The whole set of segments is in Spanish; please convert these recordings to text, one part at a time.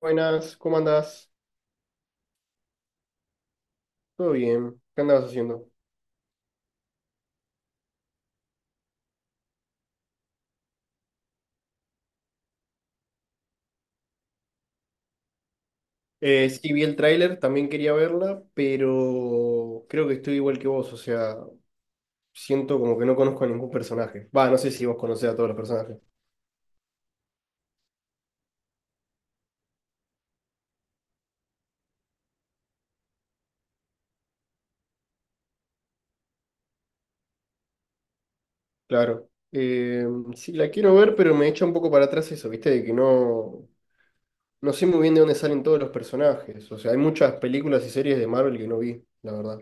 Buenas, ¿cómo andás? Todo bien, ¿qué andabas haciendo? Sí, vi el tráiler, también quería verla, pero creo que estoy igual que vos, o sea, siento como que no conozco a ningún personaje. Va, no sé si vos conocés a todos los personajes. Claro. Sí, la quiero ver, pero me echa un poco para atrás eso, ¿viste? De que no, no sé muy bien de dónde salen todos los personajes. O sea, hay muchas películas y series de Marvel que no vi, la verdad.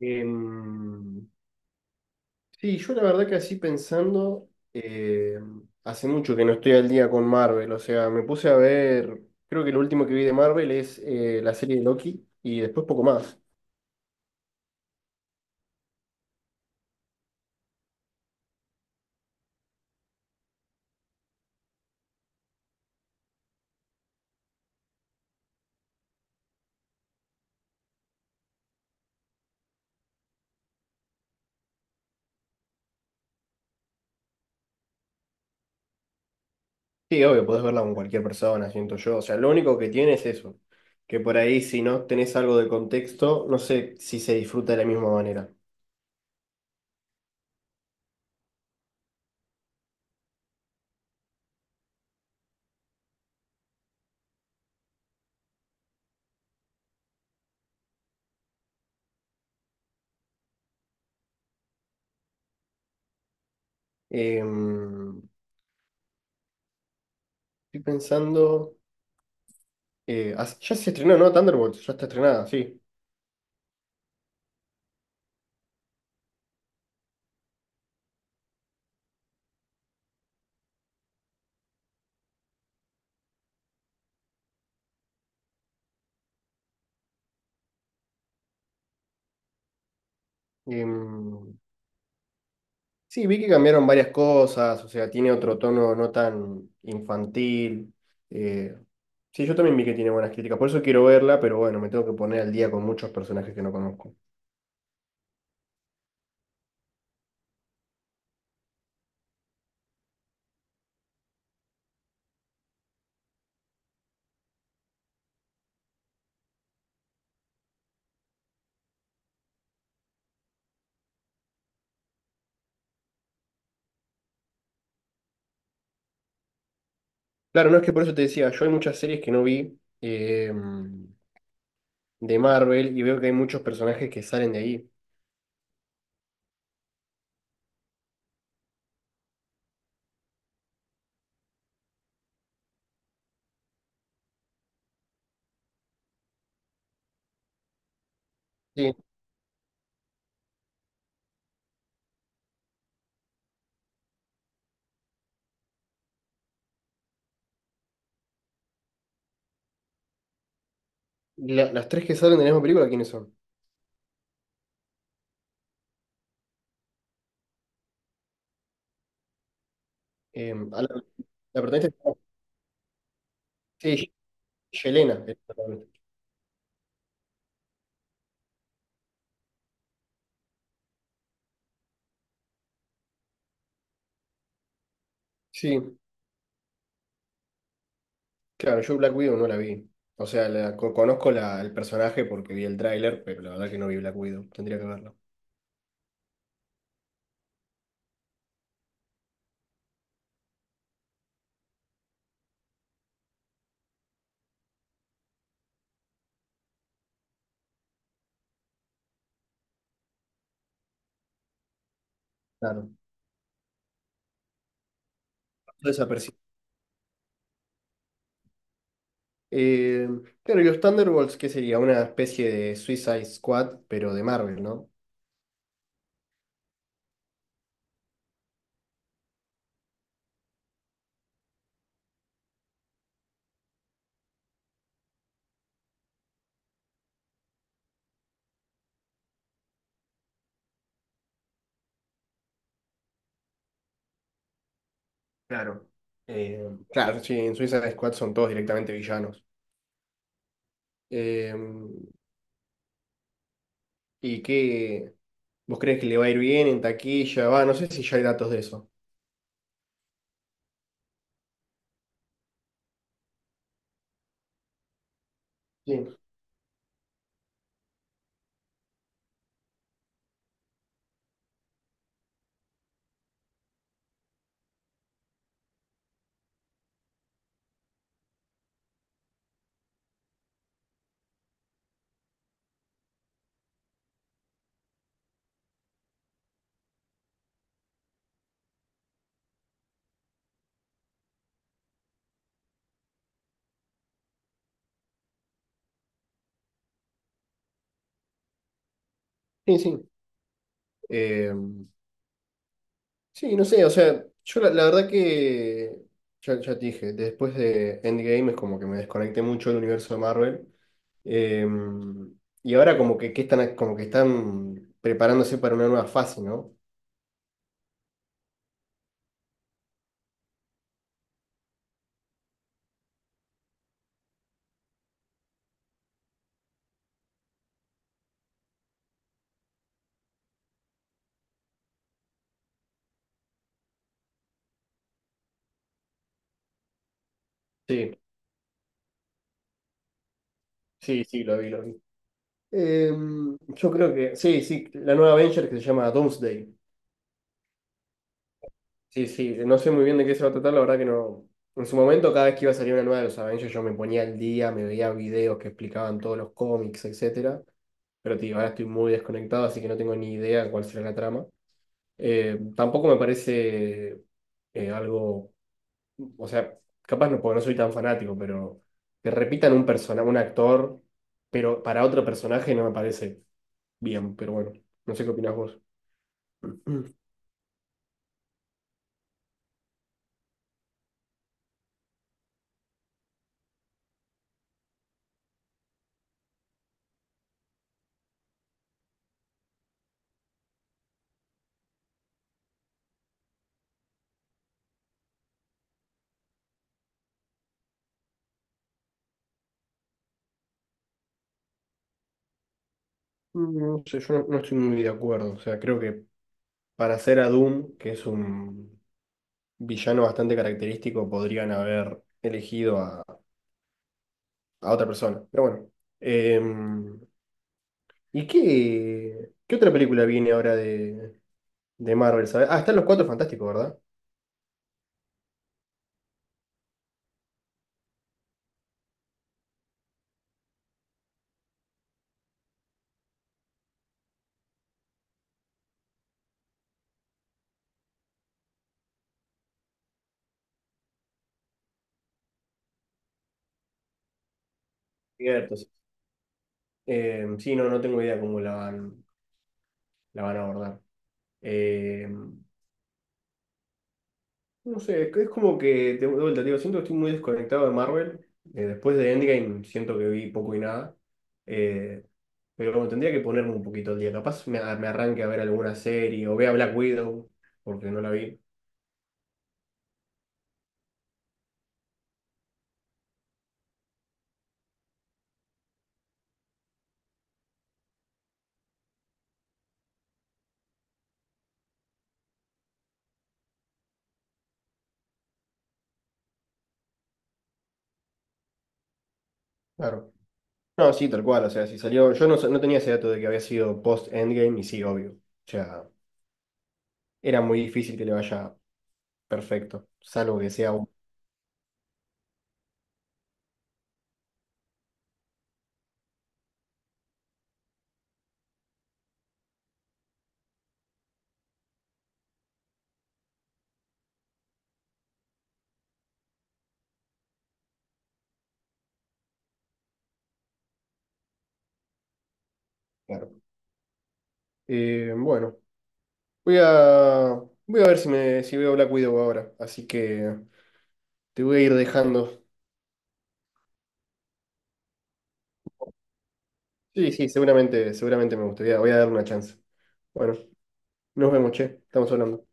Em, Sí, yo la verdad que así pensando, hace mucho que no estoy al día con Marvel, o sea, me puse a ver, creo que lo último que vi de Marvel es la serie de Loki y después poco más. Sí, obvio, podés verla con cualquier persona, siento yo, o sea, lo único que tiene es eso, que por ahí si no tenés algo de contexto, no sé si se disfruta de la misma manera. Em, estoy pensando, ya se estrenó, ¿no? Thunderbolts, ya está estrenada, sí. Em, Sí, vi que cambiaron varias cosas, o sea, tiene otro tono no tan infantil. eh, sí, yo también vi que tiene buenas críticas, por eso quiero verla, pero bueno, me tengo que poner al día con muchos personajes que no conozco. Claro, no es que por eso te decía, yo hay muchas series que no vi de Marvel y veo que hay muchos personajes que salen de ahí. Sí, las tres que salen de la misma película, ¿quiénes son? Eh, a la, la protagonista, sí, Yelena es la protagonista. Sí. Claro, yo Black Widow no la vi. O sea, conozco la, el personaje porque vi el tráiler, pero la verdad que no vi Black Widow. Tendría que verlo. Claro. Pasó desapercibido. Eh, claro, y los Thunderbolts, ¿qué sería? Una especie de Suicide Squad, pero de Marvel, ¿no? Claro. Eh, claro, sí, en Suicide Squad son todos directamente villanos. Eh, ¿Y qué? ¿Vos crees que le va a ir bien en taquilla? Va, no sé si ya hay datos de eso. Sí, sí, sí. Sí, no sé, o sea, yo la, la verdad que, ya, ya te dije, después de Endgame es como que me desconecté mucho del universo de Marvel. Eh, y ahora como que están, como que están preparándose para una nueva fase, ¿no? Sí, sí, sí, lo vi, lo vi. Eh, yo creo que, sí, sí, la nueva Avenger que se llama Doomsday. Sí, sí, no sé muy bien de qué se va a tratar, la verdad que no. En su momento, cada vez que iba a salir una nueva de los Avengers, yo me ponía al día, me veía videos que explicaban todos los cómics, etcétera. Pero te digo, ahora estoy muy desconectado, así que no tengo ni idea de cuál será la trama. Tampoco me parece algo, o sea, capaz no, porque no soy tan fanático, pero que repitan un persona, un actor, pero para otro personaje no me parece bien, pero bueno, no sé qué opinás vos. No sé, yo no, no estoy muy de acuerdo. O sea, creo que para hacer a Doom, que es un villano bastante característico, podrían haber elegido a otra persona. Pero bueno. Em, ¿Y qué, qué otra película viene ahora de Marvel? ¿Sabes? Ah, están los Cuatro Fantásticos, ¿verdad? Cierto, sí. Sí, no, no tengo idea cómo la van a abordar. Em, No sé, es como que, de vuelta, digo, siento que estoy muy desconectado de Marvel. Después de Endgame siento que vi poco y nada. Eh, pero como tendría que ponerme un poquito al día. Capaz me, me arranque a ver alguna serie o vea Black Widow, porque no la vi. Claro. No, sí, tal cual. O sea, si salió. Yo no, no tenía ese dato de que había sido post-Endgame y sí, obvio. O sea, era muy difícil que le vaya perfecto, salvo que sea un. Claro. Bueno, voy a, voy a ver si, me, si veo Black Widow ahora. Así que. Te voy a ir dejando. Sí, sí, seguramente, seguramente me gustaría. Voy a dar una chance. Bueno, nos vemos, che. Estamos hablando.